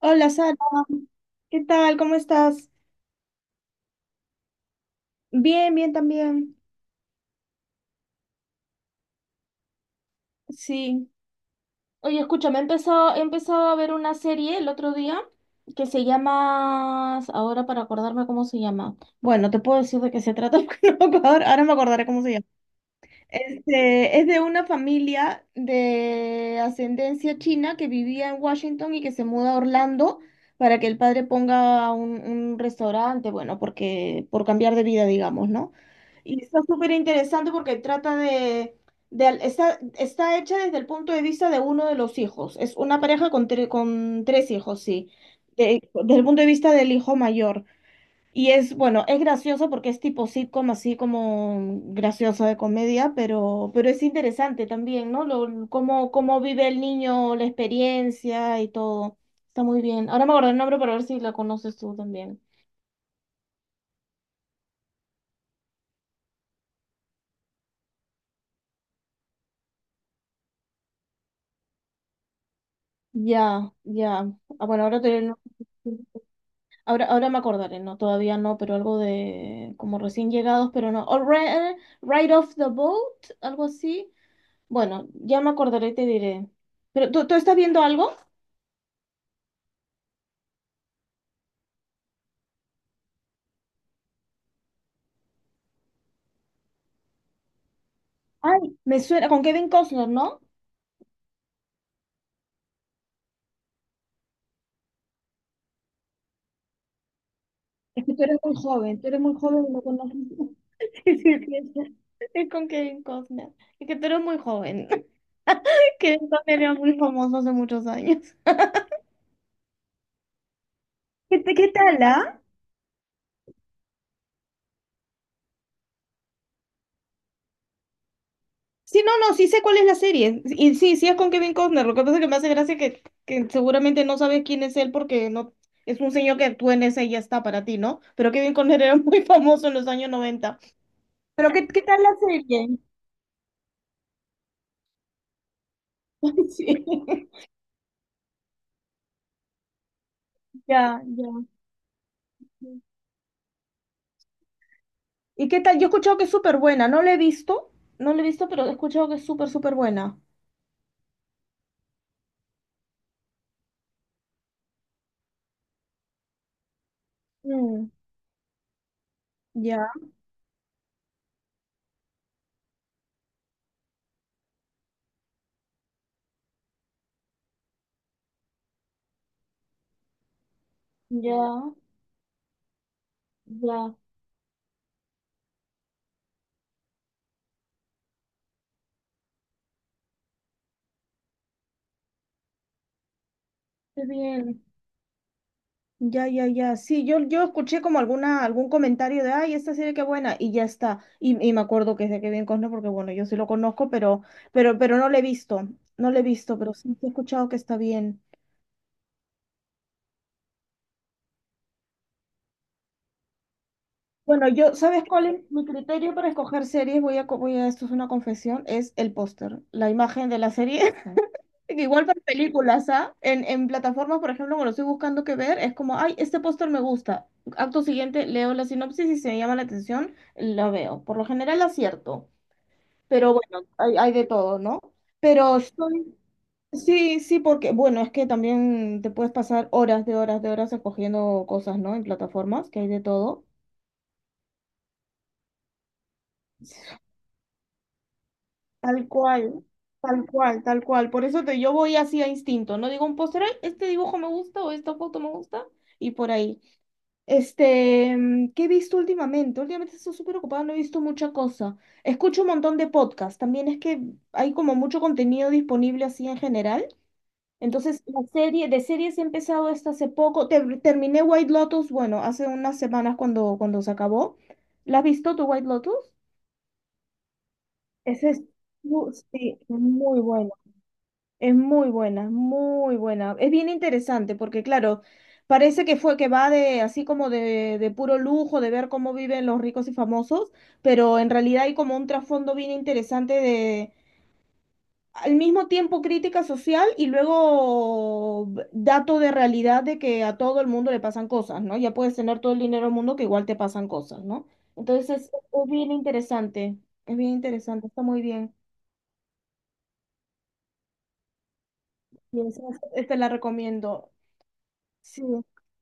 Hola Sara, ¿qué tal? ¿Cómo estás? Bien, bien también. Sí. Oye, escúchame, he empezado a ver una serie el otro día que se llama, ahora para acordarme cómo se llama. Bueno, te puedo decir de qué se trata, porque no me acuerdo, ahora me acordaré cómo se llama. Es de una familia de ascendencia china que vivía en Washington y que se muda a Orlando para que el padre ponga un restaurante, bueno, porque por cambiar de vida, digamos, ¿no? Y está súper interesante porque trata de al- está, está hecha desde el punto de vista de uno de los hijos. Es una pareja con, con tres hijos, sí. Desde el punto de vista del hijo mayor. Y es, bueno, es gracioso porque es tipo sitcom, así como gracioso de comedia, pero es interesante también, ¿no? Cómo vive el niño, la experiencia y todo. Está muy bien. Ahora me acuerdo el nombre para ver si la conoces tú también. Ya, ya. Ah, bueno, ahora te... Ahora, ahora me acordaré, no, todavía no, pero algo de como recién llegados, pero no. Ride off the boat, algo así. Bueno, ya me acordaré y te diré. Pero, ¿tú estás viendo algo? Ay, me suena con Kevin Costner, ¿no? Es que tú eres muy joven, tú eres muy joven y no conoces. Sí, sí, sí, es con Kevin Costner. Es que tú eres muy joven. Kevin Costner era muy famoso hace muchos años. ¿Qué, qué tal, ah? Sí, no, no, sí sé cuál es la serie. Y sí, sí es con Kevin Costner. Lo que pasa es que me hace gracia que seguramente no sabes quién es él porque no es un señor que actúa en esa y ya está para ti, ¿no? Pero Kevin Costner era muy famoso en los años 90. Pero ¿qué, qué tal la serie? Sí. Ya, ya. ¿Y qué tal? Yo he escuchado que es súper buena, no la he visto, no la he visto, pero he escuchado que es súper, súper buena. Mm, ya, Ya, ya, qué bien. Ya, ya, ya. Sí, yo escuché como alguna, algún comentario de, ay, esta serie qué buena, y ya está. Y me acuerdo que es de Kevin Costner, porque bueno, yo sí lo conozco, pero no la he visto, no la he visto, pero sí sí he escuchado que está bien. Bueno, yo, ¿sabes cuál es mi criterio para escoger series? Voy a, esto es una confesión, es el póster, la imagen de la serie. Que igual para películas, ¿ah? En plataformas, por ejemplo, cuando estoy buscando qué ver, es como, ay, este póster me gusta. Acto siguiente, leo la sinopsis y si me llama la atención, lo veo. Por lo general acierto, pero bueno, hay de todo, ¿no? Pero sí, sí, porque, bueno, es que también te puedes pasar horas de horas de horas escogiendo cosas, ¿no? En plataformas, que hay de todo. Tal cual, tal cual, tal cual. Por eso yo voy así a instinto, no digo un póster, "Ay, este dibujo me gusta o esta foto me gusta", y por ahí. ¿Qué he visto últimamente? Últimamente estoy súper ocupada, no he visto mucha cosa. Escucho un montón de podcasts. También es que hay como mucho contenido disponible así en general. Entonces, la serie, de series he empezado esta hace poco. Terminé White Lotus, bueno, hace unas semanas cuando se acabó. ¿La has visto tu White Lotus? Ese es, sí, muy bueno. Es muy buena, muy buena. Es bien interesante porque, claro, parece que fue que va de así como de puro lujo, de ver cómo viven los ricos y famosos, pero en realidad hay como un trasfondo bien interesante de al mismo tiempo crítica social y luego dato de realidad de que a todo el mundo le pasan cosas, ¿no? Ya puedes tener todo el dinero del mundo que igual te pasan cosas, ¿no? Entonces es bien interesante, es bien interesante, está muy bien. Y esa la recomiendo. Sí.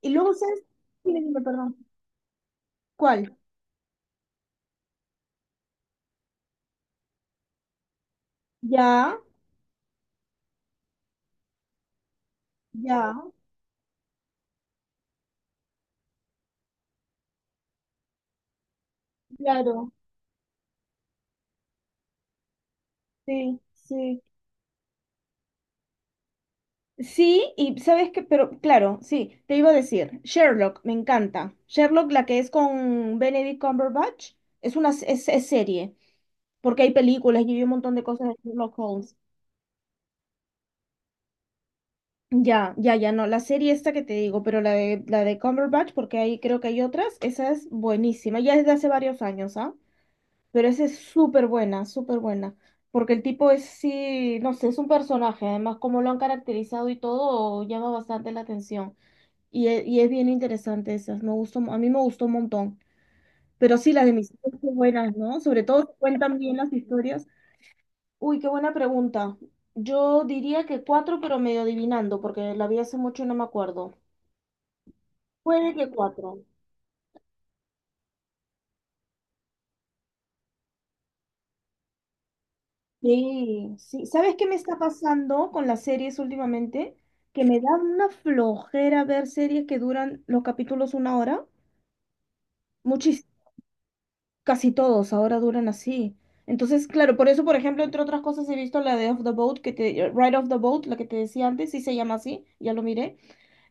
Y luego, ¿sabes? Sí, dime, dime, perdón. ¿Cuál? Ya, ya, claro. Sí, sí. Sí, y sabes que, pero claro, sí, te iba a decir, Sherlock, me encanta. Sherlock, la que es con Benedict Cumberbatch, es una es serie, porque hay películas y hay un montón de cosas de Sherlock Holmes. Ya, ya, ya, no, la serie esta que te digo, pero la de Cumberbatch, porque ahí creo que hay otras, esa es buenísima, ya es de hace varios años, ¿ah? Pero esa es súper buena, súper buena. Porque el tipo es, sí, no sé, es un personaje. Además, como lo han caracterizado y todo, llama bastante la atención. Y es bien interesante esas. Me gustó, a mí me gustó un montón. Pero sí, las de mis hijos son buenas, ¿no? Sobre todo si cuentan bien las historias. Uy, qué buena pregunta. Yo diría que cuatro, pero medio adivinando, porque la vi hace mucho y no me acuerdo. Puede que cuatro. Sí, sí. ¿Sabes qué me está pasando con las series últimamente? Que me da una flojera ver series que duran los capítulos una hora. Muchis, casi todos ahora duran así. Entonces, claro, por eso, por ejemplo, entre otras cosas he visto la de Off the Boat, que te, Ride of the Boat, la que te decía antes, sí se llama así, ya lo miré.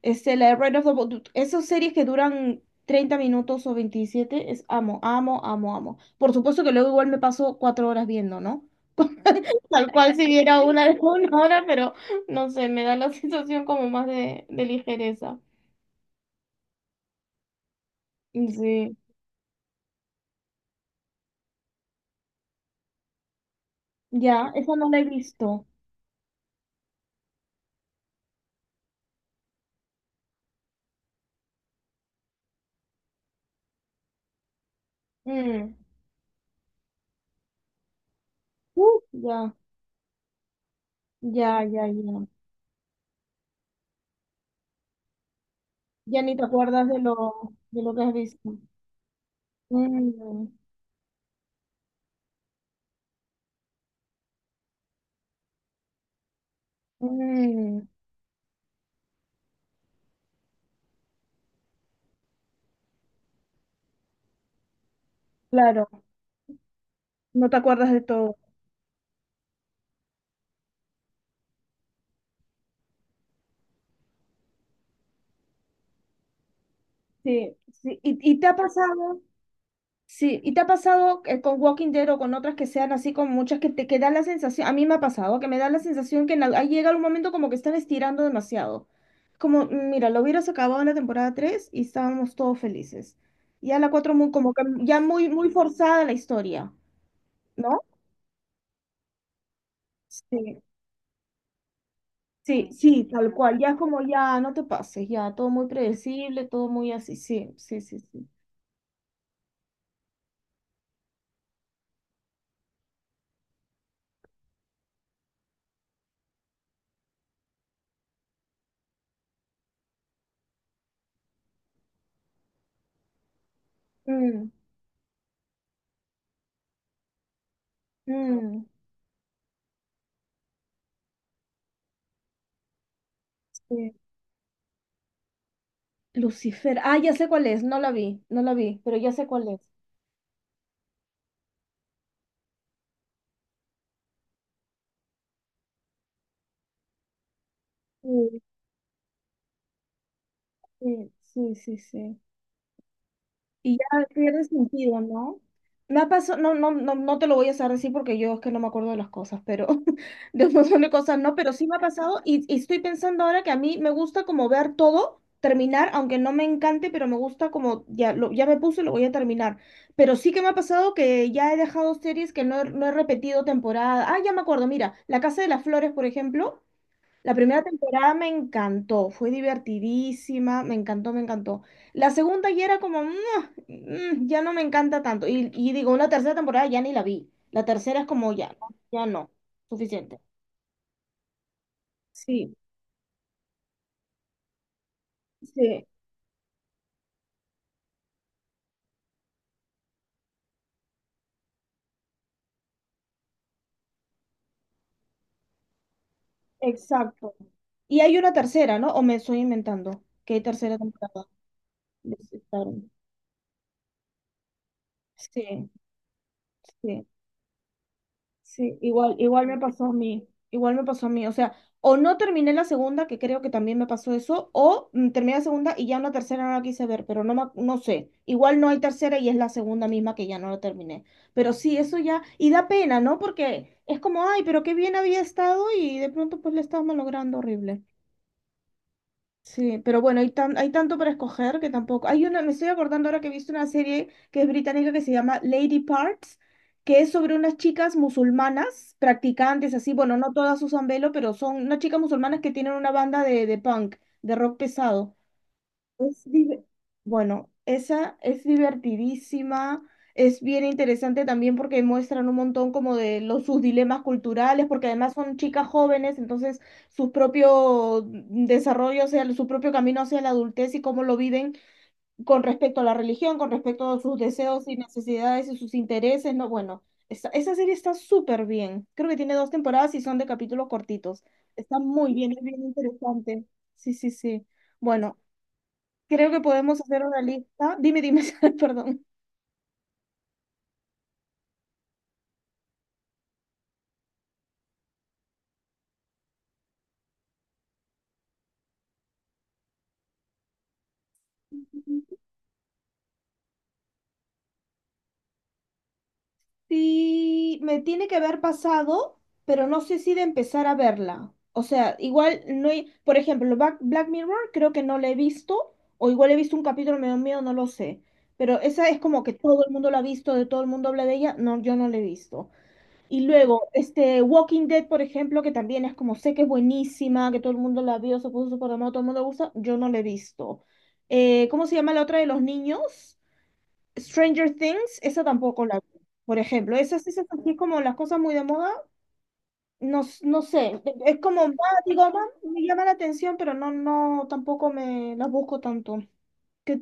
La de Ride of the Boat, esas series que duran 30 minutos o 27, es amo, amo, amo, amo. Por supuesto que luego igual me paso 4 horas viendo, ¿no? Tal cual si viera una de una hora, pero no sé, me da la sensación como más de ligereza. Sí, ya, esa no la he visto. Mm. Ya, ya, ya, ya. Ya ni te acuerdas de lo que has visto. Mm, mm, claro, no te acuerdas de todo. Sí, sí. Y te ha pasado? Sí, ¿y te ha pasado con Walking Dead o con otras que sean así con muchas que te que da la sensación, a mí me ha pasado, que me da la sensación que en ahí llega un momento como que están estirando demasiado. Como, "Mm, mira, lo hubieras acabado en la temporada 3 y estábamos todos felices". Ya la 4 muy, como que ya muy, muy forzada la historia, ¿no? Sí, sí, sí, tal cual, ya es como ya, no te pases, ya, todo muy predecible, todo muy así, sí, sí, sí, sí. Mm, mm, sí. Lucifer. Ah, ya sé cuál es. No la vi, no la vi, pero ya sé cuál es. Sí, sí, sí, sí, sí. Y ya pierde sentido, ¿no? Me ha pasado, no, no, no, no te lo voy a hacer así porque yo es que no me acuerdo de las cosas, pero de un montón de cosas no, pero sí me ha pasado y estoy pensando ahora que a mí me gusta como ver todo, terminar, aunque no me encante, pero me gusta como ya, lo, ya me puse, lo voy a terminar. Pero sí que me ha pasado que ya he dejado series que no he repetido temporada. Ah, ya me acuerdo, mira, La Casa de las Flores, por ejemplo. La primera temporada me encantó, fue divertidísima, me encantó, me encantó. La segunda ya era como, "Mua, mm, ya no me encanta tanto". Y digo, una tercera temporada ya ni la vi. La tercera es como, ya, no, ya no, suficiente. Sí, sí, exacto. Y hay una tercera, ¿no? O me estoy inventando que hay tercera temporada. De Star Wars. Sí, sí. Sí, igual, igual me pasó a mí, igual me pasó a mí, o sea, o no terminé la segunda, que creo que también me pasó eso, o terminé la segunda y ya en la tercera no la quise ver, pero no, no sé, igual no hay tercera y es la segunda misma que ya no la terminé, pero sí, eso ya, y da pena, ¿no? Porque es como, ay, pero qué bien había estado y de pronto pues le estaba malogrando horrible. Sí, pero bueno, hay tanto para escoger que tampoco. Hay una, me estoy acordando ahora que he visto una serie que es británica que se llama Lady Parts, que es sobre unas chicas musulmanas, practicantes, así, bueno, no todas usan velo, pero son unas chicas musulmanas que tienen una banda de punk, de rock pesado. Es div- Bueno, esa es divertidísima, es bien interesante también porque muestran un montón como de los, sus dilemas culturales, porque además son chicas jóvenes, entonces su propio desarrollo, o sea, su propio camino hacia la adultez y cómo lo viven con respecto a la religión, con respecto a sus deseos y necesidades y sus intereses, ¿no? Bueno, esa serie está súper bien, creo que tiene dos temporadas y son de capítulos cortitos, está muy bien, es bien interesante, sí, sí, sí. Bueno, creo que podemos hacer una lista. Dime, dime, perdón. Sí, me tiene que haber pasado, pero no sé si de empezar a verla. O sea, igual no hay, por ejemplo, Black Mirror creo que no la he visto, o igual he visto un capítulo, me dio miedo, no lo sé. Pero esa es como que todo el mundo la ha visto, de todo el mundo habla de ella. No, yo no la he visto. Y luego, Walking Dead, por ejemplo, que también es como sé que es buenísima, que todo el mundo la vio, se puso súper de moda, todo el mundo le gusta, yo no la he visto. ¿Cómo se llama la otra de los niños? Stranger Things, esa tampoco la vi. Por ejemplo, esas así como las cosas muy de moda, no, no sé, es como, ah, digo, ah, me llama la atención, pero no, no, tampoco me las busco tanto. Que,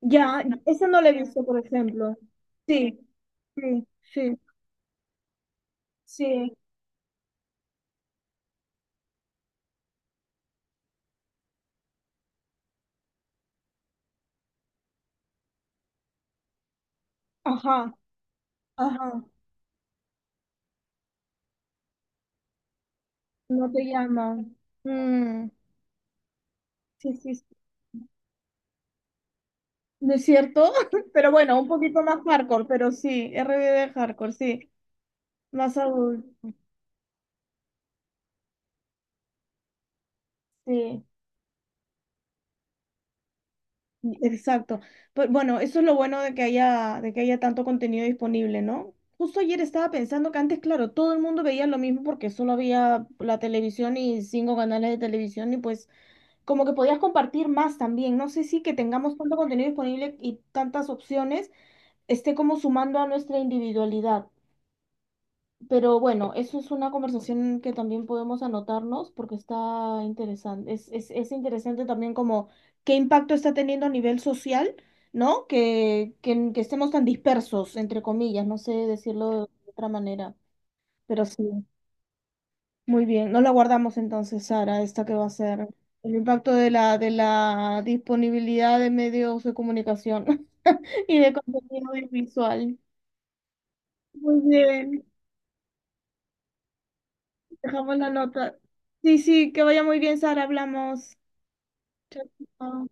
ya, esa no la he visto, por ejemplo. Sí, sí, sí, sí, ajá, ajá, no te llaman. Mm, sí, sí, sí. ¿No es cierto? Pero bueno, un poquito más hardcore, pero sí, R RBD hardcore, sí, más adulto, sí. Exacto. Pero bueno, eso es lo bueno de que haya tanto contenido disponible, ¿no? Justo ayer estaba pensando que antes, claro, todo el mundo veía lo mismo porque solo había la televisión y cinco canales de televisión y pues como que podías compartir más también. No sé si que tengamos tanto contenido disponible y tantas opciones esté como sumando a nuestra individualidad. Pero bueno, eso es una conversación que también podemos anotarnos porque está interesante. Es interesante también como qué impacto está teniendo a nivel social, ¿no? Que estemos tan dispersos, entre comillas, no sé decirlo de otra manera, pero sí. Muy bien, no la guardamos entonces, Sara, esta que va a ser el impacto de la disponibilidad de medios de comunicación y de contenido audiovisual. Muy bien. Dejamos la nota. Sí, sí, que vaya muy bien, Sara. Hablamos. Chao. Chao.